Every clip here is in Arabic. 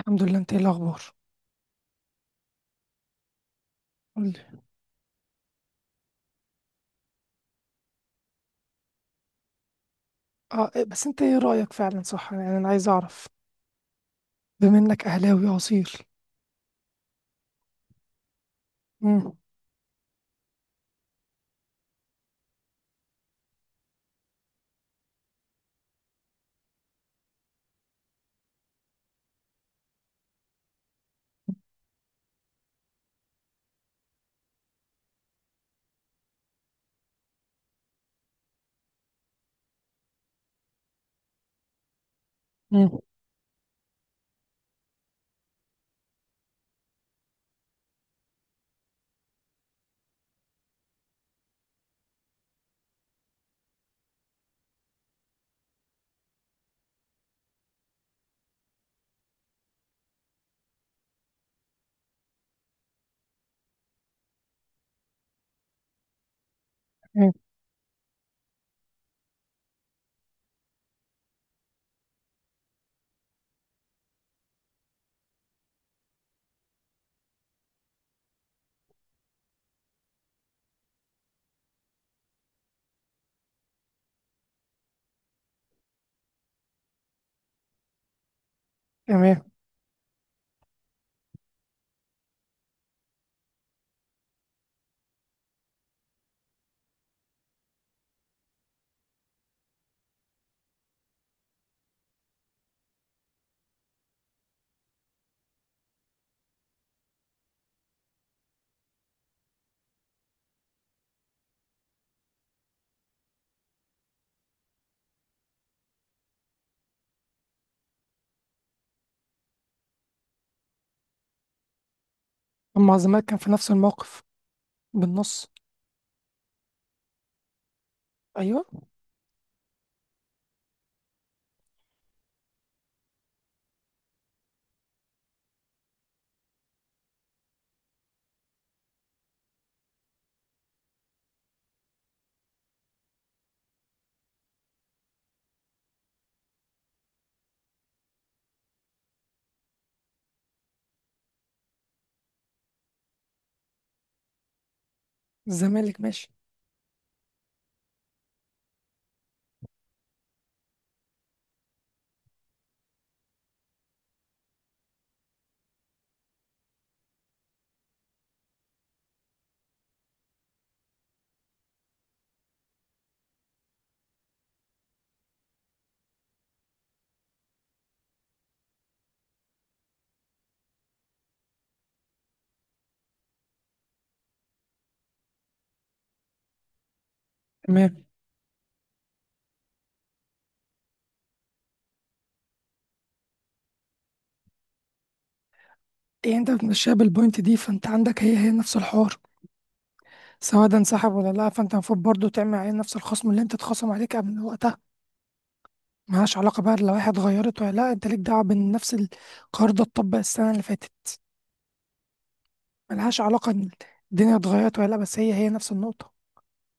الحمد لله، انت ايه الاخبار؟ قولي. اه إيه، بس انت ايه رايك فعلا؟ صح، يعني انا عايز اعرف بما انك اهلاوي اصيل. امم. امم. تمام. تمام. اما الزمالك كان في نفس الموقف بالنص. ايوه. الزمالك ماشي. تمام. ايه انت بتمشيها بالبوينت دي؟ فانت عندك هي هي نفس الحوار، سواء ده انسحب ولا لا، فانت المفروض برضه تعمل عليه نفس الخصم اللي انت اتخصم عليك قبل وقتها. ملهاش علاقه بقى لو واحد غيرت ولا لا، انت ليك دعوه بان نفس القرار ده اتطبق السنه اللي فاتت. ملهاش علاقه ان الدنيا اتغيرت ولا لا، بس هي هي نفس النقطه.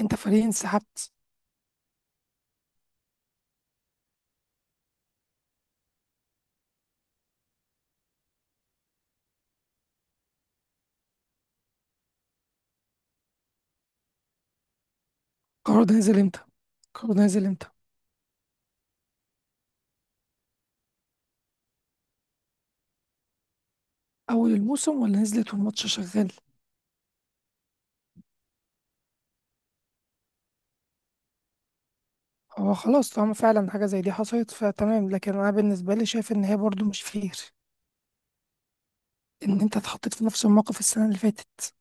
انت فريق انسحبت. القرار ده نزل امتى؟ القرار ده نزل امتى؟ اول الموسم ولا نزلت والماتش شغال؟ هو خلاص طالما فعلا حاجه زي دي حصلت فتمام، لكن انا بالنسبه لي شايف ان هي برضو مش فير، ان انت اتحطيت في نفس الموقف السنه اللي فاتت.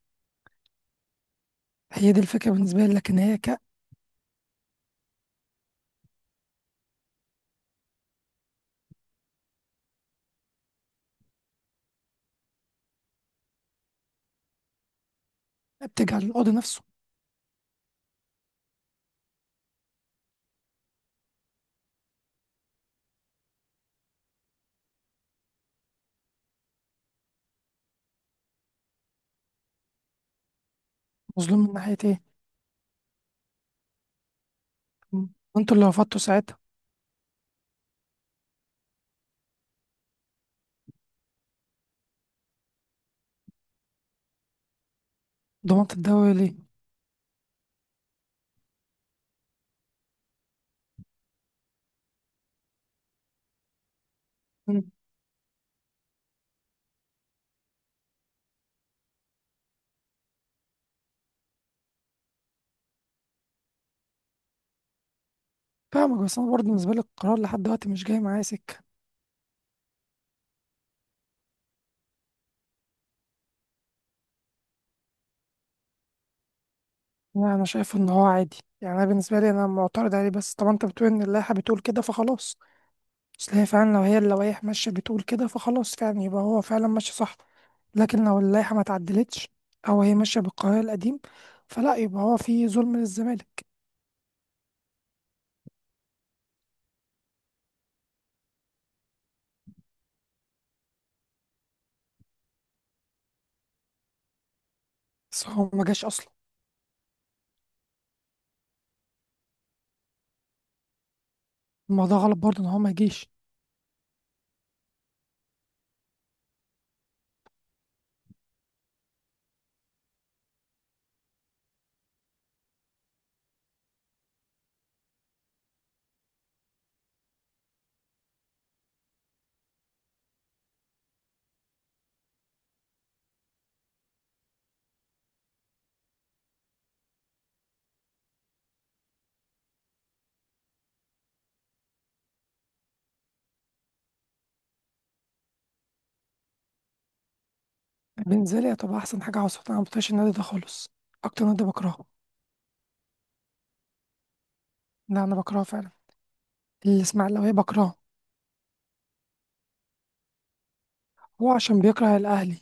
هي دي الفكره بالنسبه لي، لكن هي بتجعل القاضي نفسه مظلوم من ناحيه ايه؟ م. انتوا اللي رفضتوا ساعتها. ضمنت الدوري ليه؟ م. فاهمك، بس انا برضه بالنسبه لي القرار لحد دلوقتي مش جاي معايا سكه. انا شايف ان هو عادي. يعني انا بالنسبه لي انا معترض عليه، بس طبعا انت بتقول ان اللائحه بتقول كده فخلاص. تلاقي فعلا لو هي اللوائح ماشية بتقول كده فخلاص، فعلا يبقى هو فعلا ماشي صح. لكن لو اللائحة ما تعدلتش، أو هي ماشية بالقانون القديم، فلا، يبقى هو في ظلم للزمالك. بس هو ما جاش أصلا. الموضوع غلط برضه إن هو ما جيش. بالنسبة لي هتبقى أحسن حاجة حصلت، أنا ما بطيقش النادي ده خالص، أكتر نادي بكرهه. لا، أنا بكرهه فعلا، الإسماعيلاوية بكرهه. هو عشان بيكره الأهلي.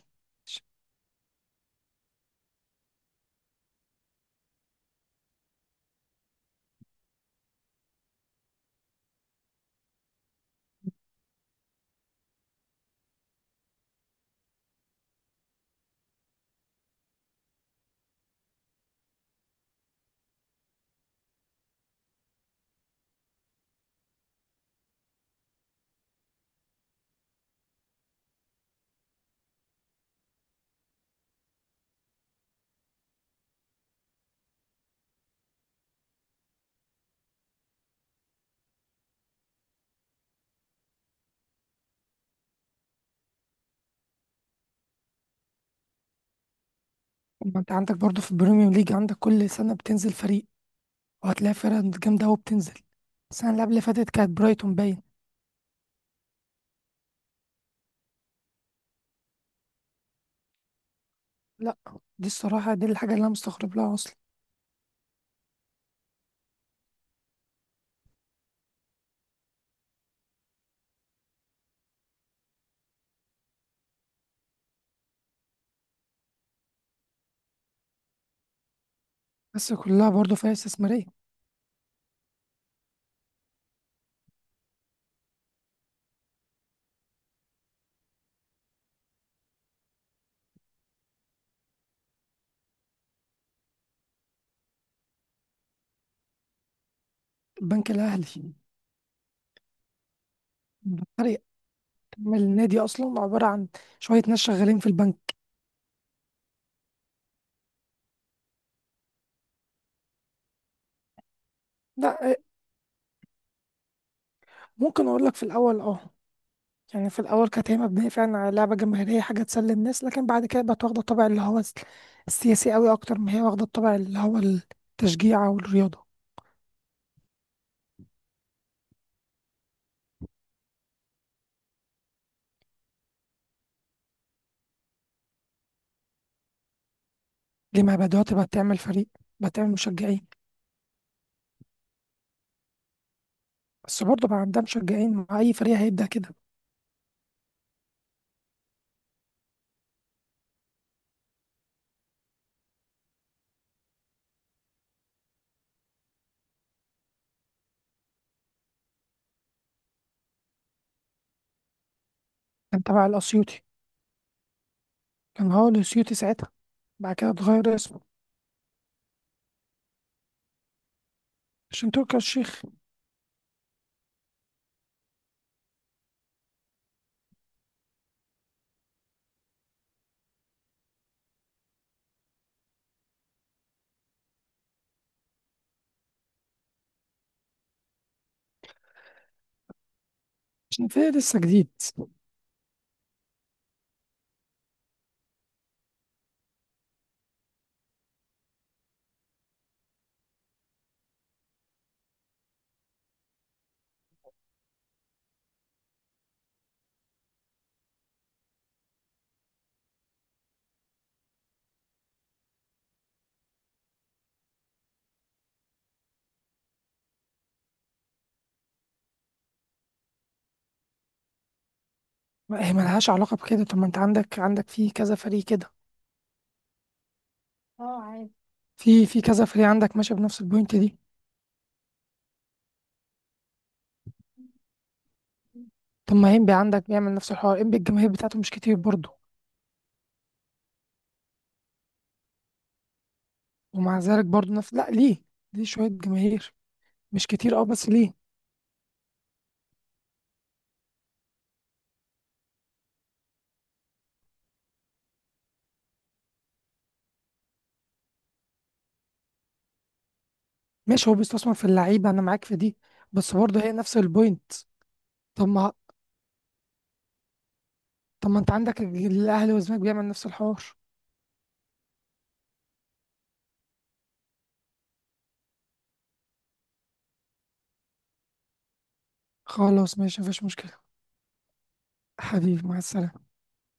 ما أنت عندك برضه في البريميوم ليج عندك كل سنة بتنزل فريق، وهتلاقي فرق جامدة أوي بتنزل. السنة اللي قبل اللي فاتت كانت برايتون باين. لا، دي الصراحة دي الحاجة اللي أنا مستغرب لها أصلا. بس كلها برضه فيها استثمارية. البنك الأهلي فريق، من النادي أصلا عبارة عن شوية ناس شغالين في البنك. لا إيه، ممكن أقول لك في الأول يعني في الأول كانت هي مبنية فعلا على لعبة جماهيرية، حاجة تسلي الناس، لكن بعد كده بقت واخدة الطابع اللي هو السياسي أوي أكتر ما هي واخدة الطابع اللي هو التشجيع أو الرياضة. ليه ما بقى دلوقتي بقت تعمل فريق، بقت تعمل مشجعين؟ بس برضه بقى عندها مشجعين مع أي فريق هيبدأ كده. كان تبع الأسيوطي. كان هو الأسيوطي ساعتها. بعد كده اتغير اسمه عشان تركي آل الشيخ. عشان فريق لسه جديد. هي ملهاش علاقة بكده. طب ما انت عندك في كذا فريق كده، في كذا فريق عندك ماشي بنفس البوينت دي. طب ما انبي عندك بيعمل نفس الحوار، انبي الجماهير بتاعته مش كتير برضه. ومع ذلك برضه نفس. لا، ليه شوية جماهير. مش كتير اه، بس ليه. ماشي، هو بيستثمر في اللعيبة، انا معاك في دي. بس برضه هي نفس البوينت. طب ما طب ما انت عندك الاهلي والزمالك بيعمل نفس الحوار. خلاص ماشي، مفيش مشكلة. حبيبي، مع السلامة.